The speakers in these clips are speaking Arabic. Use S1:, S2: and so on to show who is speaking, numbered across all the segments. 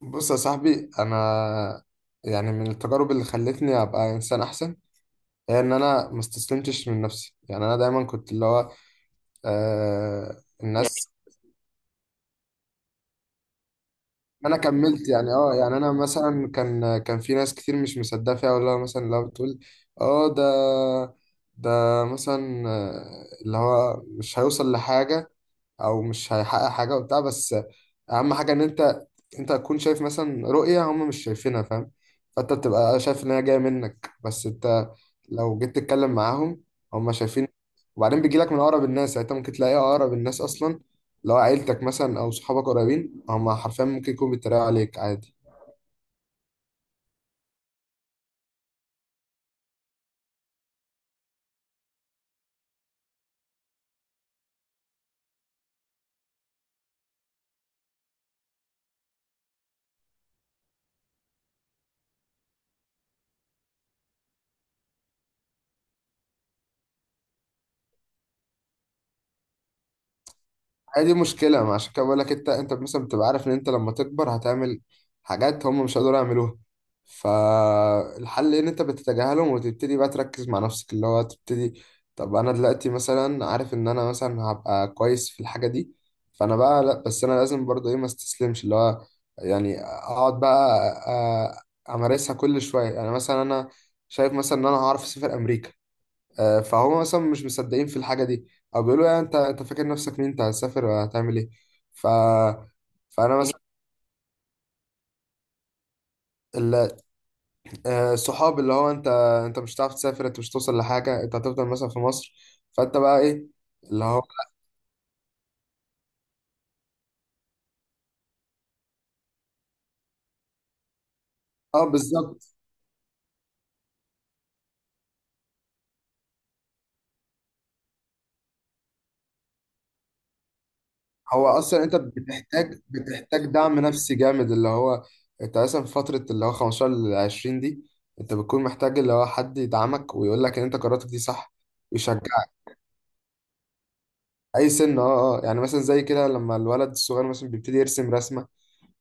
S1: بص يا صاحبي، انا يعني من التجارب اللي خلتني ابقى انسان احسن هي ان انا ما استسلمتش من نفسي. يعني انا دايما كنت اللي هو الناس انا كملت، يعني اه يعني انا مثلا كان في ناس كتير مش مصدقه فيها، ولا مثلا لو بتقول اه ده مثلا، اللي هو مش هيوصل لحاجه او مش هيحقق حاجه وبتاع. بس اهم حاجه ان انت تكون شايف مثلا رؤيه هم مش شايفينها، فاهم؟ فانت بتبقى شايف ان هي جايه منك، بس انت لو جيت تتكلم معاهم هم شايفين. وبعدين بيجي لك من اقرب الناس، يعني انت ممكن تلاقي اقرب الناس اصلا، لو عيلتك مثلا او صحابك قريبين، هم حرفيا ممكن يكونوا بيتريقوا عليك عادي. هي دي مشكلة، ما عشان كده بقول لك، انت انت مثلا بتبقى عارف ان انت لما تكبر هتعمل حاجات هم مش هيقدروا يعملوها. فالحل ان انت بتتجاهلهم وتبتدي بقى تركز مع نفسك، اللي هو تبتدي طب انا دلوقتي مثلا عارف ان انا مثلا هبقى كويس في الحاجة دي، فانا بقى لا، بس انا لازم برضو ايه، ما استسلمش، اللي هو يعني اقعد بقى امارسها كل شوية. يعني مثلا انا شايف مثلا ان انا هعرف اسافر امريكا، فهم مثلا مش مصدقين في الحاجه دي، او بيقولوا يعني انت فاكر نفسك مين، انت هتسافر وهتعمل ايه؟ ف فانا مثلا ال- الصحاب اللي هو انت انت مش هتعرف تسافر، انت مش هتوصل لحاجه، انت هتفضل مثلا في مصر. فانت بقى ايه اللي هو. اه بالظبط، هو اصلا انت بتحتاج دعم نفسي جامد، اللي هو انت مثلا في فتره اللي هو 15 ل 20 دي انت بتكون محتاج اللي هو حد يدعمك ويقول لك ان انت قراراتك دي صح ويشجعك. اي سن، اه اه. يعني مثلا زي كده لما الولد الصغير مثلا بيبتدي يرسم رسمه،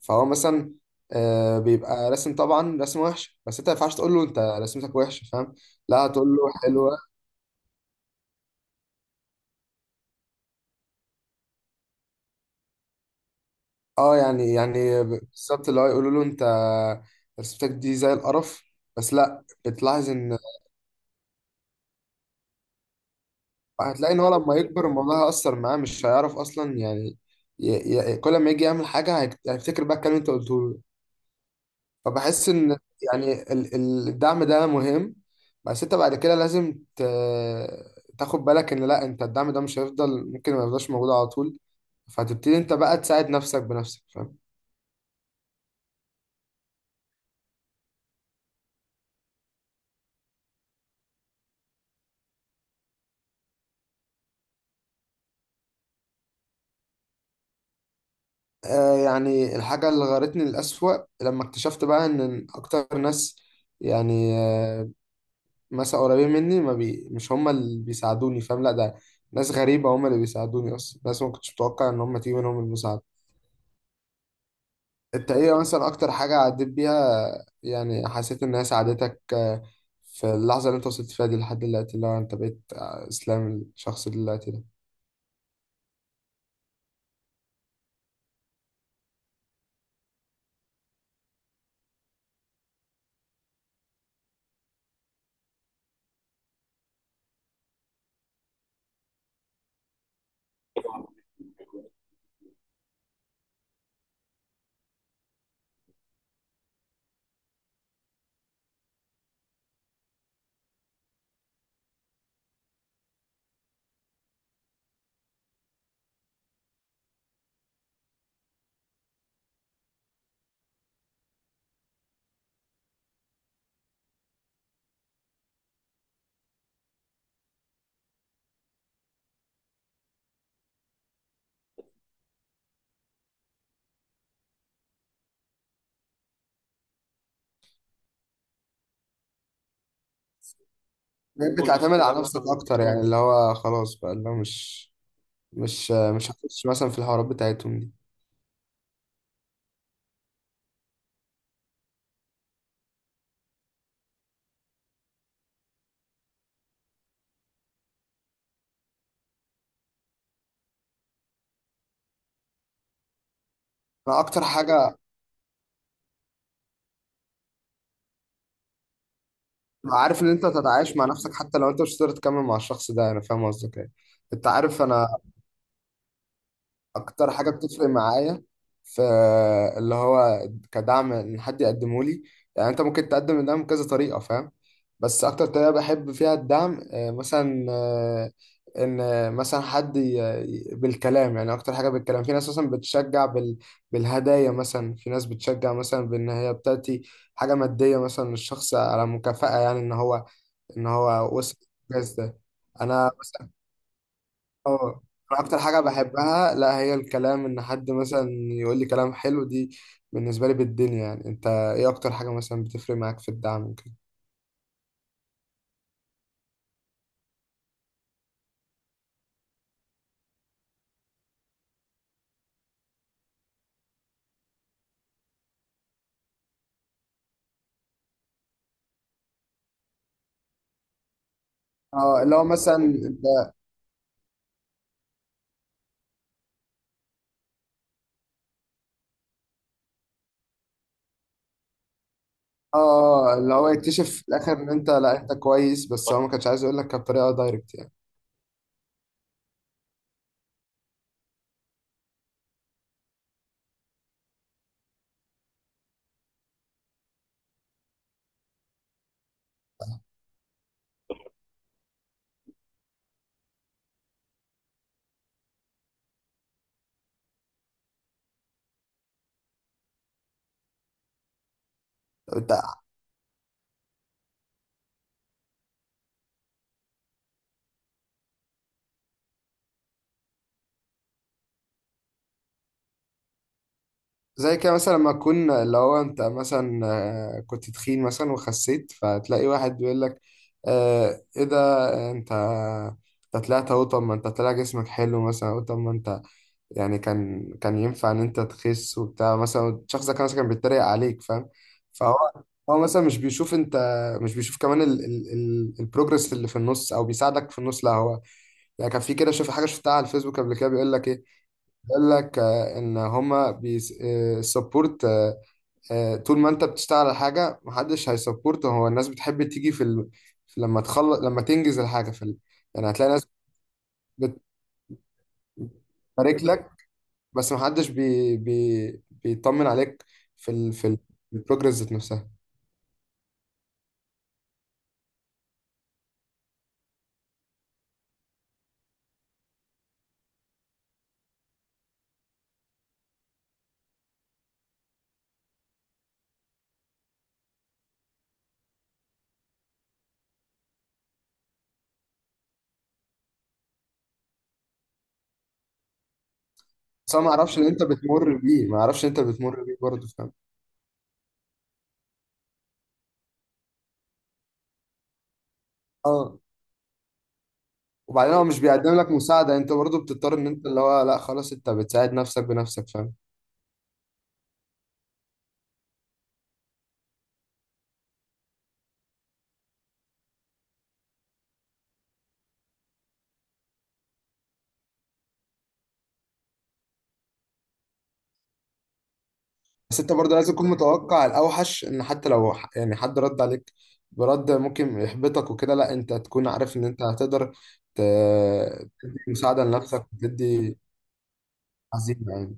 S1: فهو مثلا بيبقى رسم، طبعا رسم وحش، بس انت ما ينفعش تقول له انت رسمتك وحشه، فاهم؟ لا، هتقول له حلوه. اه يعني يعني بالظبط، اللي هو يقولوا له انت رسمتك دي زي القرف. بس لا، بتلاحظ ان هتلاقي ان هو لما يكبر الموضوع هيأثر معاه، مش هيعرف اصلا يعني ي... كل ما يجي يعمل حاجه هيفتكر بقى الكلام اللي انت قلته له. فبحس ان يعني الدعم ده مهم، بس انت بعد كده لازم تاخد بالك ان لا، انت الدعم ده مش هيفضل، ممكن ما يفضلش موجود على طول، فهتبتدي انت بقى تساعد نفسك بنفسك، فاهم؟ آه يعني الحاجة اللي غيرتني للأسوأ لما اكتشفت بقى ان اكتر ناس، يعني مثلا قريبين مني، ما بي مش هم اللي بيساعدوني، فاهم؟ لا، ده ناس غريبة هم اللي بيساعدوني اصلا، ناس ما كنتش متوقع ان هم تيجي منهم المساعدة. انت ايه مثلا اكتر حاجة عديت بيها يعني حسيت انها ساعدتك، في اللحظة اللي انت وصلت فيها دي لحد دلوقتي، اللي هو انت بقيت اسلام الشخص اللي دلوقتي ده؟ بقيت بص بتعتمد هو على انا نفسك اكتر، يعني اللي هو خلاص بقى، اللي هو مش مش هخش مثلا في الحوارات بتاعتهم دي. انا اكتر حاجة عارف ان انت تتعايش مع نفسك حتى لو انت مش قادر تكمل مع الشخص ده، انا فاهم قصدك ايه، انت عارف. انا اكتر حاجه بتفرق معايا في اللي هو كدعم ان حد يقدمه لي، يعني انت ممكن تقدم الدعم بكذا طريقه، فاهم؟ بس اكتر طريقه بحب فيها الدعم آه، مثلا آه، ان آه، مثلا حد بالكلام. يعني اكتر حاجه بالكلام. في ناس مثلا بتشجع بال بالهدايا، مثلا في ناس بتشجع مثلا بان هي بتاتي حاجه ماديه مثلا للشخص على مكافاه، يعني ان هو ان هو وصل الإنجاز ده. انا اه، انا اكتر حاجه بحبها لا، هي الكلام ان حد مثلا يقول لي كلام حلو دي بالنسبه لي بالدنيا. يعني انت ايه اكتر حاجه مثلا بتفرق معاك في الدعم وكده؟ اه اللي هو مثلا انت اه اللي هو يكتشف في الاخر ان انت لا، انت كويس، بس هو ما كانش عايز يقول لك بطريقه دايركت يعني. انت زي كده مثلا لما تكون اللي هو انت مثلا كنت تخين مثلا وخسيت، فتلاقي واحد بيقول لك آه ايه ده انت، انت طلعت اهو، طب ما انت طلع جسمك حلو مثلا، او طب ما انت يعني كان ينفع ان انت تخس وبتاع. مثلا الشخص ده كان مثلا كان بيتريق عليك، فاهم؟ فهو هو مثلا مش بيشوف انت، مش بيشوف كمان ال البروجرس اللي في النص، او بيساعدك في النص. لا هو يعني كان في كده، شوف حاجه شفتها على الفيسبوك قبل كده بيقول لك ايه، بيقول لك ان هما بيسبورت طول ما انت بتشتغل على حاجه، محدش هيسبورت. هو الناس بتحب تيجي في, ال... في لما تخلص، لما تنجز الحاجه في ال... يعني هتلاقي ناس بتبارك لك، بس ما حدش بي بي بيطمن عليك في ال في البروجرس ذات نفسها. بس انا ما اعرفش اللي انت بتمر بيه، ما اعرفش انت بتمر بيه برضه، فاهم؟ اه. وبعدين هو مش بيقدم لك مساعده، انت برضه بتضطر ان انت اللي هو لا، خلاص، انت بتساعد نفسك بنفسك، فاهم؟ بس انت برضه لازم تكون متوقع الاوحش، ان حتى لو يعني حد رد عليك برد ممكن يحبطك وكده، لا، انت تكون عارف ان انت هتقدر ت- تدي مساعده لنفسك وتدي عزيمه يعني.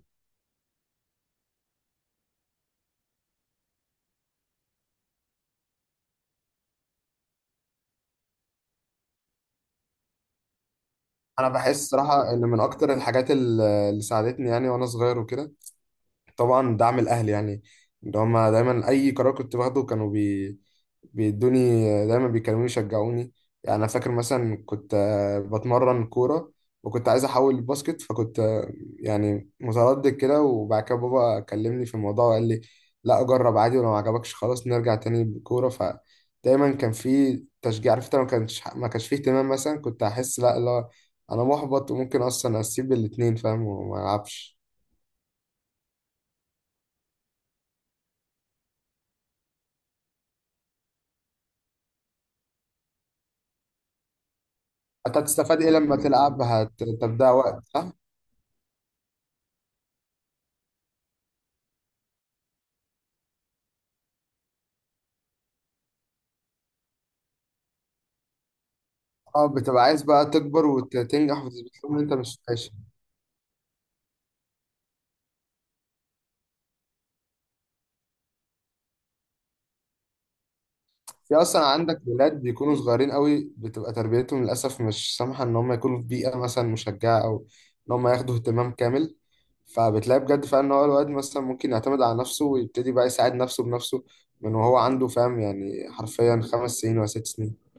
S1: انا بحس صراحه ان من اكتر الحاجات اللي ساعدتني يعني وانا صغير وكده طبعا دعم الاهل، يعني اللي هما دايما اي قرار كنت باخده كانوا بيدوني، دايما بيكلموني يشجعوني. يعني انا فاكر مثلا كنت بتمرن كوره، وكنت عايز احول الباسكت، فكنت يعني متردد كده. وبعد كده بابا كلمني في الموضوع وقال لي لا، جرب عادي، ولو ما عجبكش خلاص نرجع تاني بالكوره. فدايما كان في تشجيع، عرفت. أنا ما كانش، فيه اهتمام مثلا، كنت احس لا لا، انا محبط، وممكن اصلا اسيب الاتنين، فاهم، وما العبش. انت هتستفاد ايه لما تلعب، انت بتضيع وقت صح؟ اه، بتبقى عايز بقى تكبر وتنجح وتثبت لهم ان انت مش فاشل. في اصلا عندك ولاد بيكونوا صغيرين قوي بتبقى تربيتهم للاسف مش سامحه ان هم يكونوا في بيئه مثلا مشجعه، او ان هم ياخدوا اهتمام كامل. فبتلاقي بجد فعلا ان هو الواد مثلا ممكن يعتمد على نفسه ويبتدي بقى يساعد نفسه بنفسه من وهو عنده، فاهم، يعني حرفيا 5 سنين ولا 6 سنين.